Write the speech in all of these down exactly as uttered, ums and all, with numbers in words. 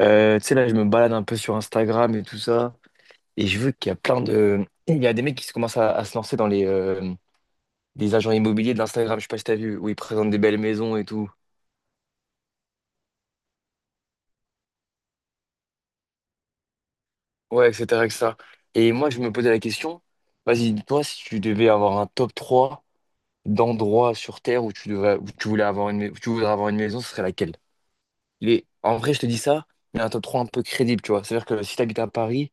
Euh, tu sais, là, je me balade un peu sur Instagram et tout ça, et je veux qu'il y a plein de... Il y a des mecs qui se commencent à, à se lancer dans les euh, des agents immobiliers de l'Instagram, je sais pas si t'as vu, où ils présentent des belles maisons et tout. Ouais, et cetera, et cetera. Et cetera. Et moi, je me posais la question, vas-y, toi, si tu devais avoir un top trois d'endroits sur Terre où tu devrais, où tu voulais avoir une, mais- où tu voudrais avoir une maison, ce serait laquelle? Il est... En vrai, je te dis ça, mais un top trois un peu crédible, tu vois. C'est-à-dire que si t'habites à Paris,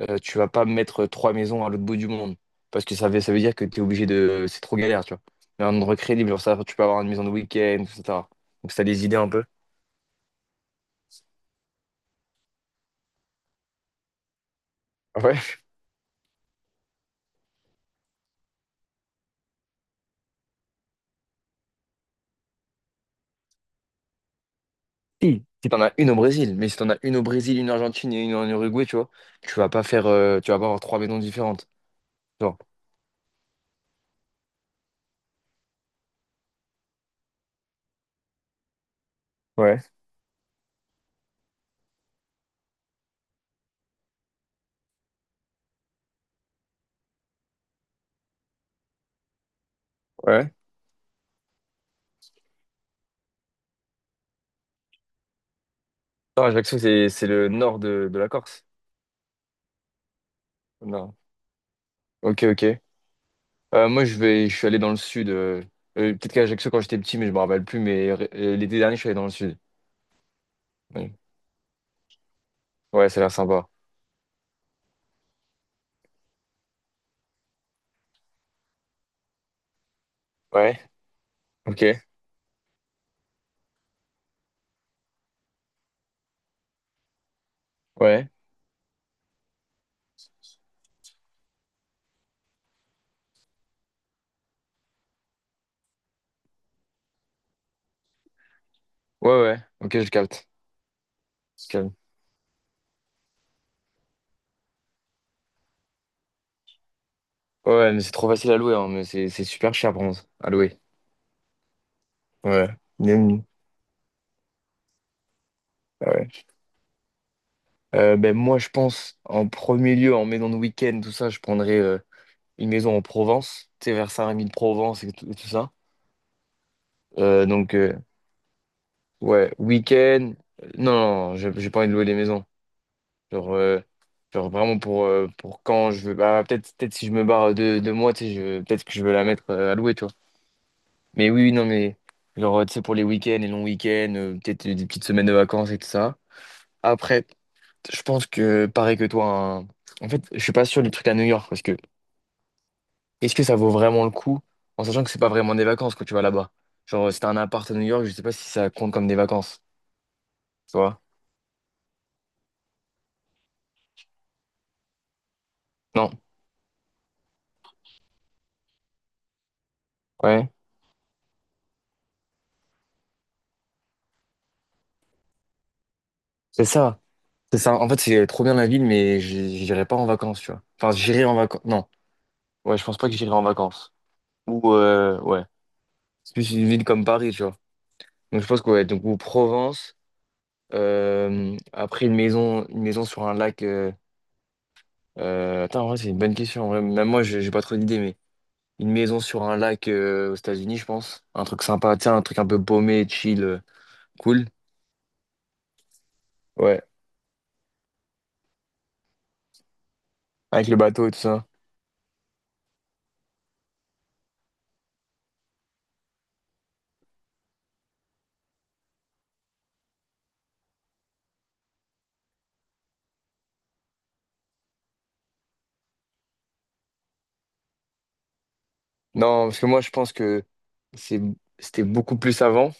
euh, tu vas pas mettre trois maisons à l'autre bout du monde. Parce que ça veut, ça veut dire que tu es obligé de. C'est trop galère, tu vois. Mais un endroit crédible, genre ça, tu peux avoir une maison de week-end, et cetera. Donc ça les idées un peu. Ouais. Si, si t'en as une au Brésil, mais si t'en as une au Brésil, une en Argentine et une en Uruguay, tu vois, tu vas pas faire. euh, tu vas pas avoir trois maisons différentes. Tu vois. Ouais, ouais. Non, Ajaccio, c'est c'est le nord de, de la Corse. Non. Ok, ok. Euh, moi, je vais, je suis allé dans le sud. euh, euh, peut-être qu'à Ajaccio, quand j'étais petit, mais je me rappelle plus. Mais euh, l'été dernier, je suis allé dans le sud. Ouais, ouais, ça a l'air sympa. Ouais, ok, ouais, ouais, ouais, ok, je capte. Je capte. Ouais, ouais, mais c'est trop facile à louer, hein, mais c'est c'est super cher, bronze, à louer. Ouais, Même- ouais. Euh, ben, moi, je pense, en premier lieu, en maison de week-end, tout ça, je prendrais euh, une maison en Provence, tu sais, vers Saint-Rémy de Provence et tout, et tout ça. Euh, donc, euh, ouais, week-end, euh, non, non, j'ai j'ai pas envie de louer les maisons. Genre, euh, genre vraiment pour, euh, pour quand je veux, bah, peut-être peut-être si je me barre de, de moi, tu sais, je- peut-être que je veux la mettre euh, à louer, tu vois. Mais oui, oui, non, mais genre, euh, tu sais, pour les week-ends, les longs week-ends, euh, peut-être des petites semaines de vacances et tout ça. Après, je pense que, pareil que toi, un- en fait, je suis pas sûr du truc à New York parce que est-ce que ça vaut vraiment le coup en sachant que c'est pas vraiment des vacances quand tu vas là-bas? Genre, si t'as un appart à New York, je sais pas si ça compte comme des vacances, tu vois? Non, ouais, c'est ça. C'est ça. En fait, c'est trop bien la ville, mais j'y- j'irai pas en vacances, tu vois. Enfin, j'irai en vacances. Non, ouais, je pense pas que j'irai en vacances. Ou, euh, ouais, c'est plus une ville comme Paris, tu vois. Donc, je pense que, ouais, donc, ou Provence. Euh, après, une maison, une maison sur un lac. euh, euh, attends, en vrai, c'est une bonne question. En vrai. Même moi, j'ai j'ai pas trop d'idées, mais une maison sur un lac euh, aux États-Unis, je pense. Un truc sympa, tiens, un truc un peu paumé, chill, euh, cool. Ouais, avec le bateau et tout ça. Non, parce que moi, je pense que c'est, c'était beaucoup plus avant.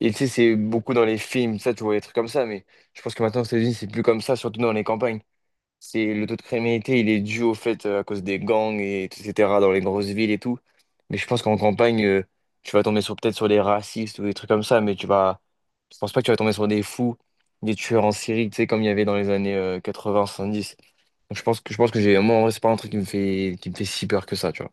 Et tu sais, c'est beaucoup dans les films, ça, tu vois, des trucs comme ça, mais je pense que maintenant aux États-Unis, c'est plus comme ça, surtout dans les campagnes. C'est le taux de criminalité, il est dû au fait euh, à cause des gangs et etc. dans les grosses villes et tout. Mais je pense qu'en campagne, euh, tu vas tomber sur peut-être sur des racistes ou des trucs comme ça, mais tu vas, je pense pas que tu vas tomber sur des fous, des tueurs en série, tu sais, comme il y avait dans les années euh, années quatre-vingts, années soixante-dix. Donc je pense que je pense que j'ai, moi, en vrai, c'est pas un truc qui me fait qui me fait si peur que ça, tu vois.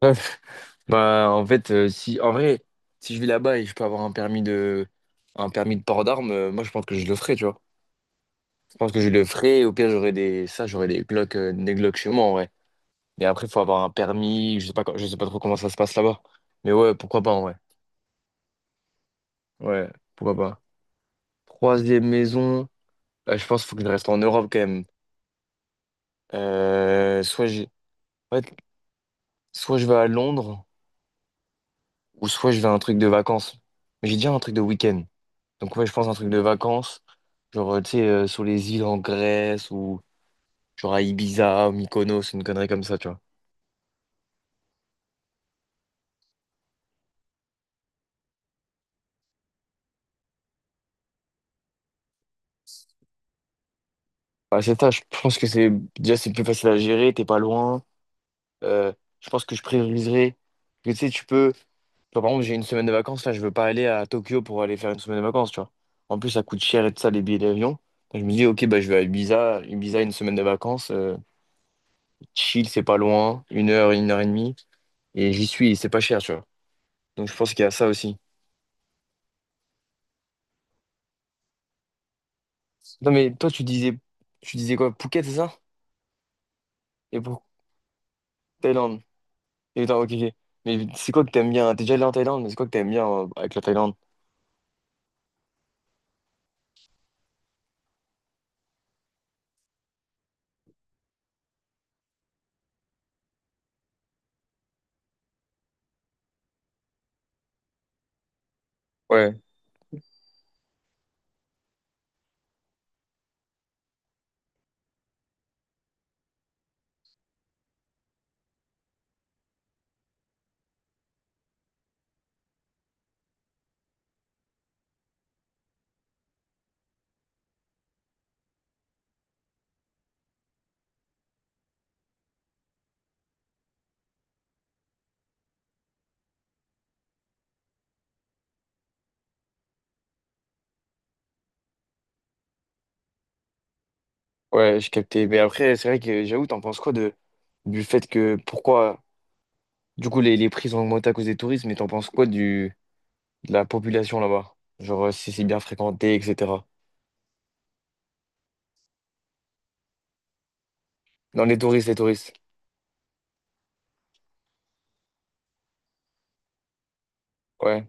Bref, bah en fait, euh, si en vrai, si je vais là-bas et je peux avoir un permis de un permis de port d'armes, euh, moi je pense que je le ferai, tu vois. Je pense que je le ferai. Au pire, j'aurai des ça, j'aurai des Glock, euh, des Glock chez moi en vrai. Mais après, faut avoir un permis. Je sais pas, quand- je sais pas trop comment ça se passe là-bas. Mais ouais, pourquoi pas en vrai. Ouais, pourquoi pas. Troisième maison. euh, je pense qu'il faut que je reste en Europe quand même. Euh, soit j'ai, ouais, soit je vais à Londres ou soit je vais à un truc de vacances. Mais j'ai déjà un truc de week-end. Donc ouais, je pense un truc de vacances. Genre, euh, tu sais, euh, sur les îles en Grèce ou genre à Ibiza, Mykonos, une connerie comme ça, tu vois. Bah, c'est ça, je pense que c'est déjà c'est plus facile à gérer, t'es pas loin. Euh, je pense que je prioriserai. Parce que, tu sais, tu peux. Tu vois, par exemple, j'ai une semaine de vacances, là, je veux pas aller à Tokyo pour aller faire une semaine de vacances, tu vois. En plus, ça coûte cher et tout ça, les billets d'avion. Donc, je me dis, ok, bah, je vais à Ibiza, Ibiza, une semaine de vacances, euh, chill, c'est pas loin, une heure, une heure et demie, et j'y suis, et c'est pas cher, tu vois. Donc, je pense qu'il y a ça aussi. Non, mais toi, tu disais, tu disais quoi, Phuket, c'est ça? Et pour Thaïlande. Et attends, ok, ok. Mais c'est quoi que t'aimes bien? T'es déjà allé en Thaïlande, mais c'est quoi que t'aimes bien euh, avec la Thaïlande? Ouais, ouais, je captais. Mais après, c'est vrai que j'avoue, t'en penses quoi de du fait que pourquoi du coup les, les prix ont augmenté à cause des touristes, mais t'en penses quoi du de la population là-bas? Genre euh, si c'est bien fréquenté, et cetera. Non, les touristes, les touristes. Ouais,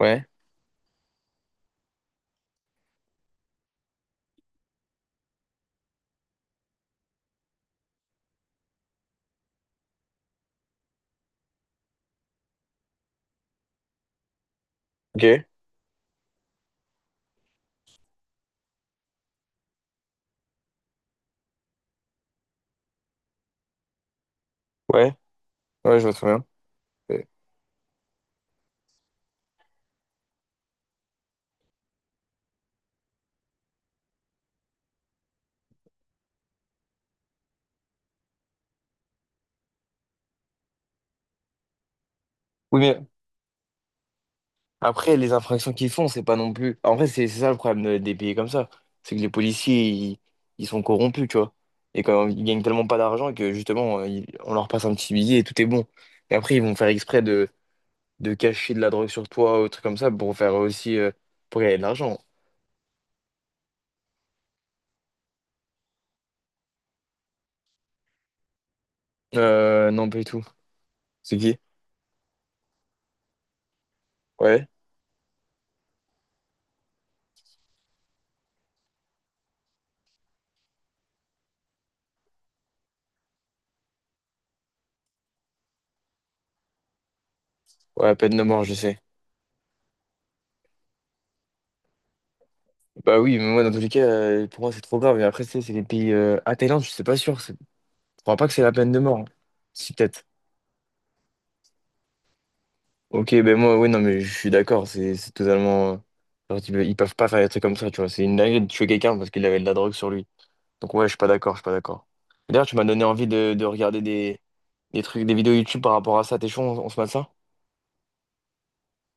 ouais, ok, ouais, ouais, je vois très bien. Euh, Oui, mais après, les infractions qu'ils font, c'est pas non plus. En vrai, c'est c'est ça le problème de- des pays comme ça. C'est que les policiers, ils, ils sont corrompus, tu vois. Et quand ils gagnent tellement pas d'argent que justement, euh, ils- on leur passe un petit billet et tout est bon. Et après, ils vont faire exprès de de cacher de la drogue sur toi ou trucs comme ça pour faire aussi euh, pour gagner de l'argent. Euh, non, pas du tout. C'est qui? Ouais. Ouais, peine de mort, je sais. Bah oui, mais moi, dans tous les cas, euh, pour moi, c'est trop grave. Et après, tu sais, c'est les pays. Euh... Ah, Thaïlande, je sais pas sûr. c'est- Je crois pas que c'est la peine de mort, hein. Si, peut-être. Ok, ben moi, oui, non, mais je suis d'accord. C'est c'est totalement, euh, genre, ils ils peuvent pas faire des trucs comme ça, tu vois. C'est une dinguerie de tuer quelqu'un parce qu'il avait de la drogue sur lui. Donc, ouais, je suis pas d'accord, je suis pas d'accord. D'ailleurs, tu m'as donné envie de, de regarder des, des trucs, des vidéos YouTube par rapport à ça. T'es chaud, on, on se mate ça?